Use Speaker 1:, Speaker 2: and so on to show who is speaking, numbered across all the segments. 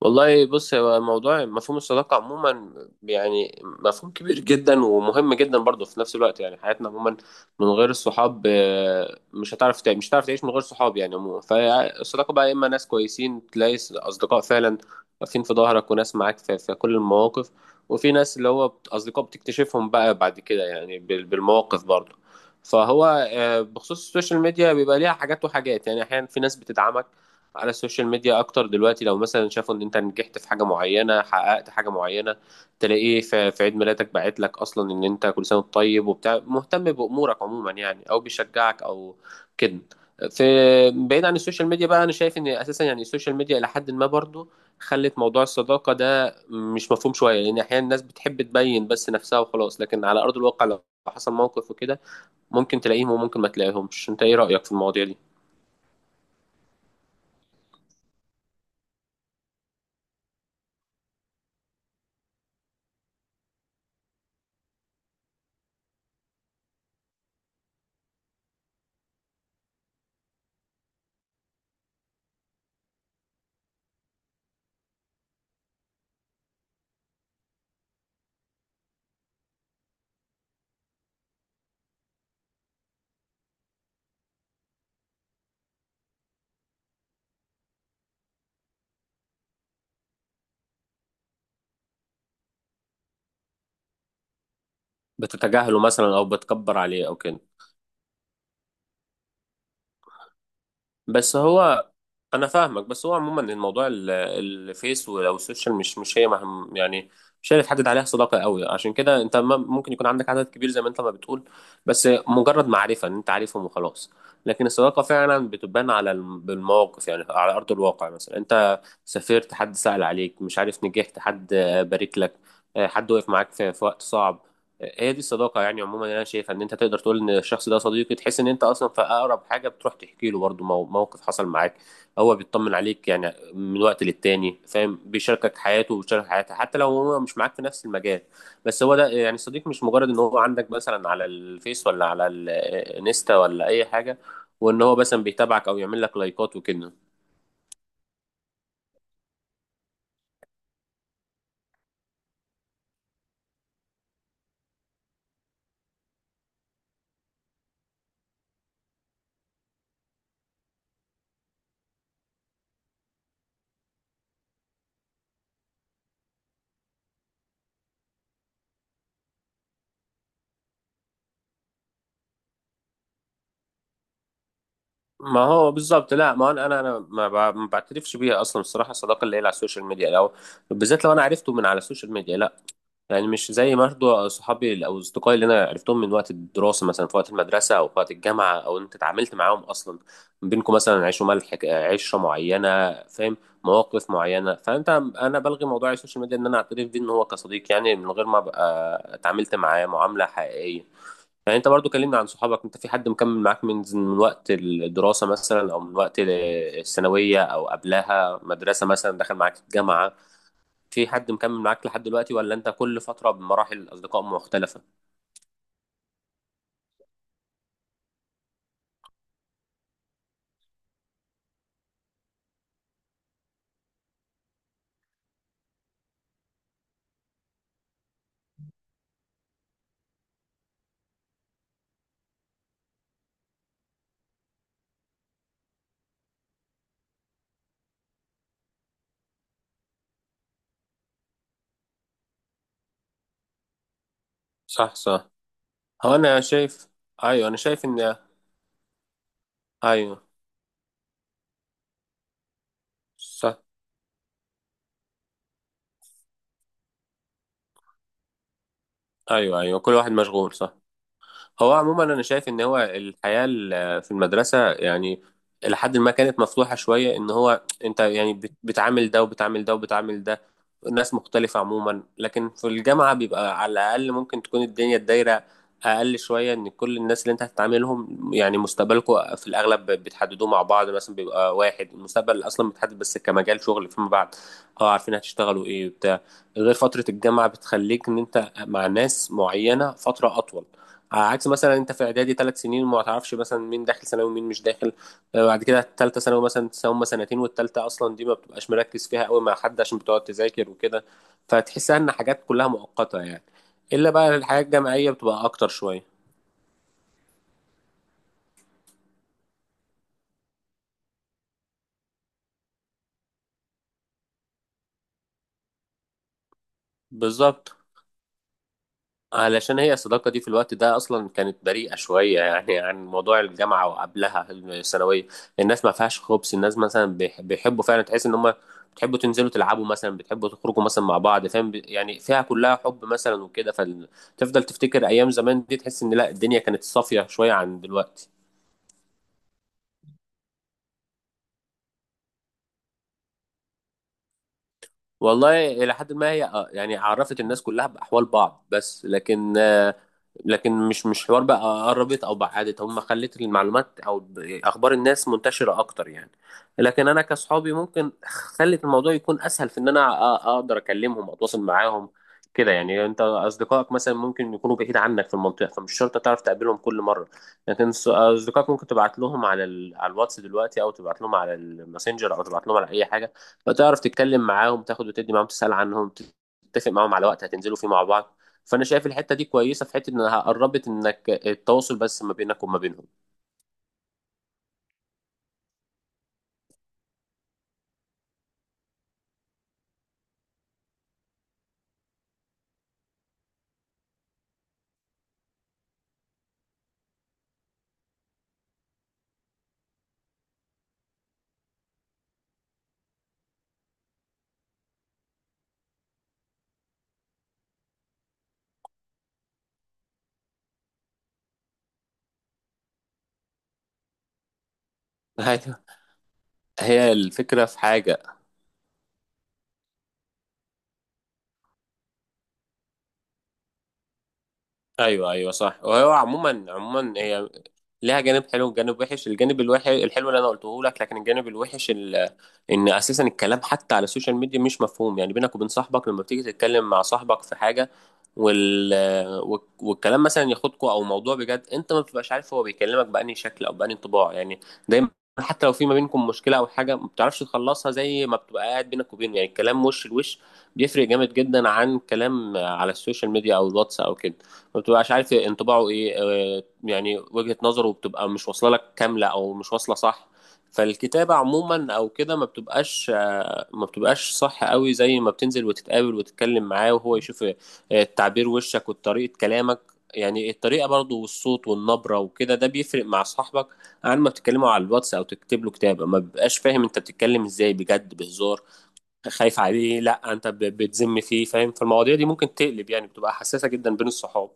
Speaker 1: والله، بص، هو موضوع مفهوم الصداقة عموما، يعني مفهوم كبير جدا ومهم جدا برضه في نفس الوقت، يعني حياتنا عموما من غير الصحاب، مش هتعرف مش هتعرف تعيش من غير صحاب يعني. عموما فالصداقة بقى يا إما ناس كويسين تلاقي أصدقاء فعلا واقفين في ظهرك، وناس معاك في كل المواقف. وفي ناس اللي هو أصدقاء بتكتشفهم بقى بعد كده، يعني بالمواقف برضه. فهو آه، بخصوص السوشيال ميديا بيبقى ليها حاجات وحاجات، يعني أحيانا في ناس بتدعمك على السوشيال ميديا اكتر دلوقتي، لو مثلا شافوا ان انت نجحت في حاجه معينه، حققت حاجه معينه، تلاقيه في عيد ميلادك باعت لك، اصلا ان انت كل سنه وأنت طيب وبتاع، مهتم بامورك عموما، يعني، او بيشجعك او كده. في بعيد عن السوشيال ميديا بقى، انا شايف ان اساسا يعني السوشيال ميديا الى حد ما برضو خلت موضوع الصداقه ده مش مفهوم شويه، لان احيانا الناس بتحب تبين بس نفسها وخلاص، لكن على ارض الواقع لو حصل موقف وكده ممكن تلاقيهم وممكن ما تلاقيهمش. انت ايه رايك في المواضيع دي؟ بتتجاهله مثلا او بتكبر عليه او كده. بس هو، انا فاهمك، بس هو عموما الموضوع الفيس او السوشيال مش هي مهم يعني، مش هي اللي تحدد عليها صداقه قوي. عشان كده انت ممكن يكون عندك عدد كبير زي ما انت ما بتقول، بس مجرد معرفه ان انت عارفهم وخلاص. لكن الصداقه فعلا بتبان على بالمواقف، يعني على ارض الواقع. مثلا انت سافرت، حد سأل عليك، مش عارف، نجحت، حد بارك لك، حد وقف معاك في وقت صعب. هي دي الصداقه. يعني عموما انا شايفها ان انت تقدر تقول ان الشخص ده صديقي، تحس ان انت اصلا في اقرب حاجه بتروح تحكي له برضه موقف حصل معاك. هو بيطمن عليك يعني من وقت للتاني، فاهم، بيشاركك حياته وبيشارك حياتك، حتى لو هو مش معاك في نفس المجال، بس هو ده يعني صديق. مش مجرد ان هو عندك مثلا على الفيس، ولا على الانستا، ولا اي حاجه، وان هو مثلا بيتابعك او يعمل لك لايكات وكده. ما هو بالظبط. لا، ما انا ما بعترفش بيها اصلا الصراحه. الصداقه اللي هي على السوشيال ميديا، لو بالذات لو انا عرفته من على السوشيال ميديا، لا، يعني مش زي برضه صحابي او اصدقائي اللي انا عرفتهم من وقت الدراسه مثلا، في وقت المدرسه او في وقت الجامعه، او انت اتعاملت معاهم اصلا، بينكم مثلا عيش وملح، عشره معينه، فاهم، مواقف معينه. فانت انا بلغي موضوع السوشيال ميديا ان انا اعترف بيه ان هو كصديق، يعني من غير ما ابقى اتعاملت معاه معامله حقيقيه. يعني انت برضو كلمنا عن صحابك، انت في حد مكمل معاك من وقت الدراسه مثلا، او من وقت الثانويه او قبلها مدرسه مثلا دخل معاك الجامعه، في حد مكمل معاك لحد دلوقتي، ولا انت كل فترة بمراحل أصدقاء مختلفة؟ صح، صح. هو أنا شايف. أيوه، أنا شايف إن. أيوه. صح. أيوه، أيوه، كل واحد مشغول. صح. هو عموما انا شايف ان هو الحياه في المدرسه، يعني لحد ما كانت مفتوحه شويه، ان هو انت يعني بتعامل ده وبتعامل ده وبتعامل ده، ناس مختلفه عموما. لكن في الجامعه بيبقى على الاقل ممكن تكون الدنيا الدايره اقل شويه، ان كل الناس اللي انت هتتعاملهم يعني مستقبلكم في الاغلب بتحددوه مع بعض مثلا. بيبقى واحد المستقبل اصلا متحدد بس كمجال شغل فيما بعد، اه، عارفين هتشتغلوا ايه بتاع غير فتره الجامعه بتخليك ان انت مع ناس معينه فتره اطول، عكس مثلا انت في اعدادي ثلاث سنين وما تعرفش مثلا مين داخل ثانوي ومين مش داخل. بعد كده الثالثه ثانوي مثلا هما سنتين، والثالثه اصلا دي ما بتبقاش مركز فيها قوي مع حد عشان بتقعد تذاكر وكده، فتحسها ان حاجات كلها مؤقته يعني. الا بقى الحياه الجامعيه بتبقى اكتر شويه. بالظبط. علشان هي الصداقة دي في الوقت ده أصلا كانت بريئة شوية، يعني عن موضوع الجامعة وقبلها الثانوية، الناس ما فيهاش خبز. الناس مثلا بيحبوا فعلا، تحس إن هم بتحبوا تنزلوا تلعبوا مثلا، بتحبوا تخرجوا مثلا مع بعض، فاهم، يعني فيها كلها حب مثلا وكده. فتفضل تفتكر أيام زمان دي تحس إن لا الدنيا كانت صافية شوية عن دلوقتي. والله إلى حد ما هي، يعني عرفت الناس كلها بأحوال بعض بس، لكن مش حوار بقى قربت او بعدت. هم خلت المعلومات او اخبار الناس منتشره اكتر يعني. لكن انا كصحابي ممكن خلت الموضوع يكون اسهل في ان انا اقدر اكلمهم، اتواصل معاهم كده. يعني انت اصدقائك مثلا ممكن يكونوا بعيد عنك في المنطقه، فمش شرط تعرف تقابلهم كل مره. لكن اصدقائك ممكن تبعت لهم على على الواتس دلوقتي، او تبعت لهم على الماسنجر، او تبعت لهم على اي حاجه. فتعرف تتكلم معاهم، تاخد وتدي معاهم، تسال عنهم، تتفق معاهم على وقت هتنزلوا فيه مع بعض. فانا شايف الحته دي كويسه، في حته انها قربت انك التواصل بس ما بينك وما بينهم. ايوه، هي الفكره في حاجه. ايوه، ايوه، صح. وهو عموما هي لها جانب حلو وجانب وحش. الجانب الوحش، الحلو اللي انا قلته لك، لكن الجانب الوحش ان اساسا الكلام حتى على السوشيال ميديا مش مفهوم، يعني بينك وبين صاحبك لما بتيجي تتكلم مع صاحبك في حاجه، وال... والكلام مثلا ياخدكوا او موضوع بجد، انت ما بتبقاش عارف هو بيكلمك بأني شكل او بأني انطباع، يعني دايما حتى لو في ما بينكم مشكله او حاجه ما بتعرفش تخلصها زي ما بتبقى قاعد بينك وبينه. يعني الكلام وش لوش بيفرق جامد جدا عن كلام على السوشيال ميديا او الواتس او كده، ما بتبقاش عارف انطباعه ايه، يعني وجهة نظره بتبقى مش واصله لك كامله او مش واصله صح. فالكتابة عموما او كده ما بتبقاش صح قوي زي ما بتنزل وتتقابل وتتكلم معاه وهو يشوف تعبير وشك وطريقة كلامك، يعني الطريقة برضو، والصوت والنبرة وكده، ده بيفرق مع صاحبك عن ما بتتكلموا على الواتس او تكتب له كتابة ما بيبقاش فاهم انت بتتكلم ازاي، بجد، بهزار، خايف عليه، لا انت بتذم فيه، فاهم؟ فالمواضيع دي ممكن تقلب، يعني بتبقى حساسة جدا بين الصحاب.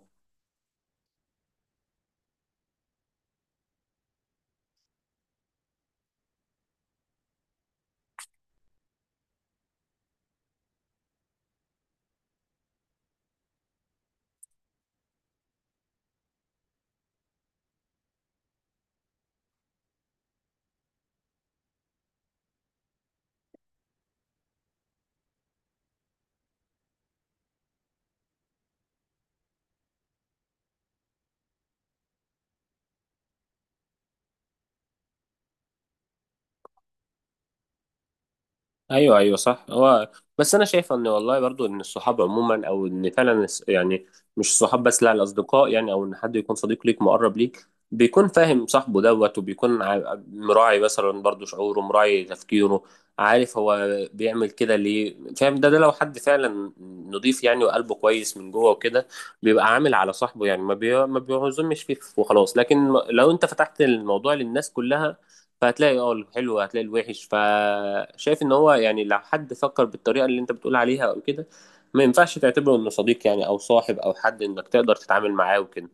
Speaker 1: ايوه، ايوه، صح. هو بس انا شايف ان والله برضو ان الصحاب عموما، او ان فعلا يعني مش الصحاب بس، لا، الاصدقاء يعني، او ان حد يكون صديق ليك مقرب ليك بيكون فاهم صاحبه دوت، وبيكون مراعي مثلا برضو شعوره، مراعي تفكيره، عارف هو بيعمل كده ليه، فاهم؟ ده لو حد فعلا نضيف يعني وقلبه كويس من جوه وكده بيبقى عامل على صاحبه، يعني ما بيعزمش فيه وخلاص. لكن لو انت فتحت الموضوع للناس كلها فهتلاقي اه الحلو، هتلاقي الوحش. فشايف ان هو يعني لو حد فكر بالطريقه اللي انت بتقول عليها او كده، ما ينفعش تعتبره انه صديق، يعني او صاحب او حد انك تقدر تتعامل معاه وكده.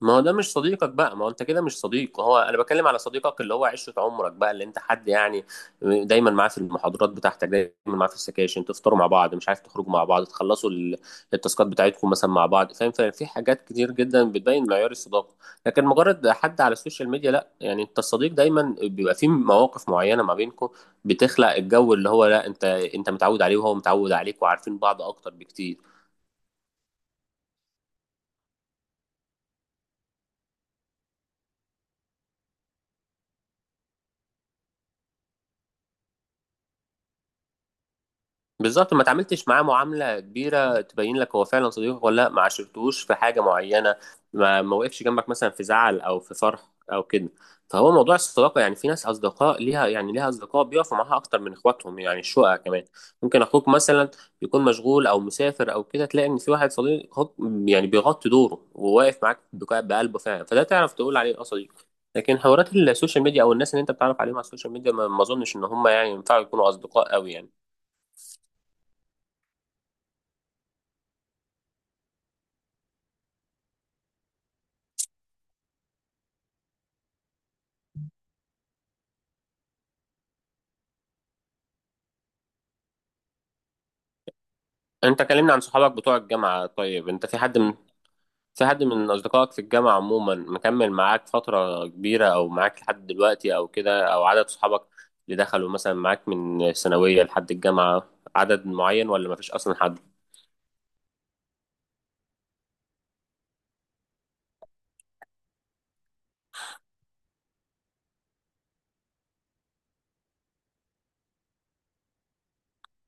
Speaker 1: ما هو ده مش صديقك بقى، ما هو انت كده مش صديق. هو انا بتكلم على صديقك اللي هو عشرة عمرك بقى، اللي انت حد، يعني دايما معاه في المحاضرات بتاعتك، دايما معاه في السكاشن، تفطروا مع بعض، مش عارف، تخرجوا مع بعض، تخلصوا التاسكات بتاعتكم مثلا مع بعض، فاهم؟ ففي حاجات كتير جدا بتبين معيار الصداقة. لكن مجرد حد على السوشيال ميديا، لا يعني. انت الصديق دايما بيبقى فيه مواقف معينة ما بينكم بتخلق الجو اللي هو لا، انت متعود عليه وهو متعود عليك، وعارفين بعض اكتر بكتير. بالظبط، ما تعاملتش معاه معاملة كبيرة تبين لك هو فعلا صديقك ولا لا، ما عاشرتوش في حاجة معينة، ما وقفش جنبك مثلا في زعل أو في فرح أو كده. فهو موضوع الصداقة، يعني في ناس أصدقاء ليها، يعني ليها أصدقاء بيقفوا معاها أكتر من إخواتهم. يعني الشقق كمان ممكن أخوك مثلا يكون مشغول أو مسافر أو كده، تلاقي إن في واحد صديق يعني بيغطي دوره وواقف معاك بقلبه فعلا، فده تعرف تقول عليه أه صديق. لكن حوارات السوشيال ميديا أو الناس اللي أنت بتعرف عليهم على السوشيال ميديا ما أظنش إن هم يعني ينفعوا يكونوا أصدقاء أوي يعني. انت كلمني عن صحابك بتوع الجامعة. طيب انت في حد من اصدقائك في الجامعة عموما مكمل معاك فترة كبيرة او معاك لحد دلوقتي او كده؟ او عدد صحابك اللي دخلوا مثلا معاك من الثانوية لحد الجامعة عدد معين، ولا مفيش اصلا حد؟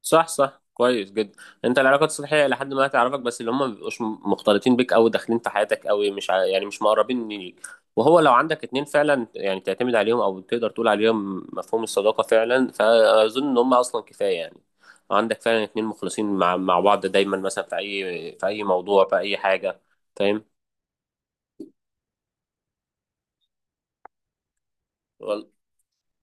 Speaker 1: صح، صح، كويس جدا. انت العلاقات السطحيه لحد ما تعرفك بس، اللي هم ما بيبقوش مختلطين بيك قوي، داخلين في حياتك قوي، مش يعني مش مقربين ليك. وهو لو عندك اتنين فعلا يعني تعتمد عليهم او تقدر تقول عليهم مفهوم الصداقه فعلا، فاظن ان هم اصلا كفايه. يعني عندك فعلا اتنين مخلصين مع بعض دايما مثلا في اي موضوع، في اي حاجه، فاهم؟ وال-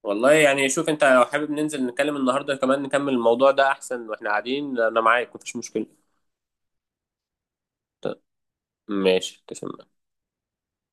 Speaker 1: والله يعني شوف انت لو حابب ننزل نتكلم النهارده كمان نكمل الموضوع ده احسن واحنا قاعدين، انا معاك مفيش مشكله. ت- ماشي، تسلم.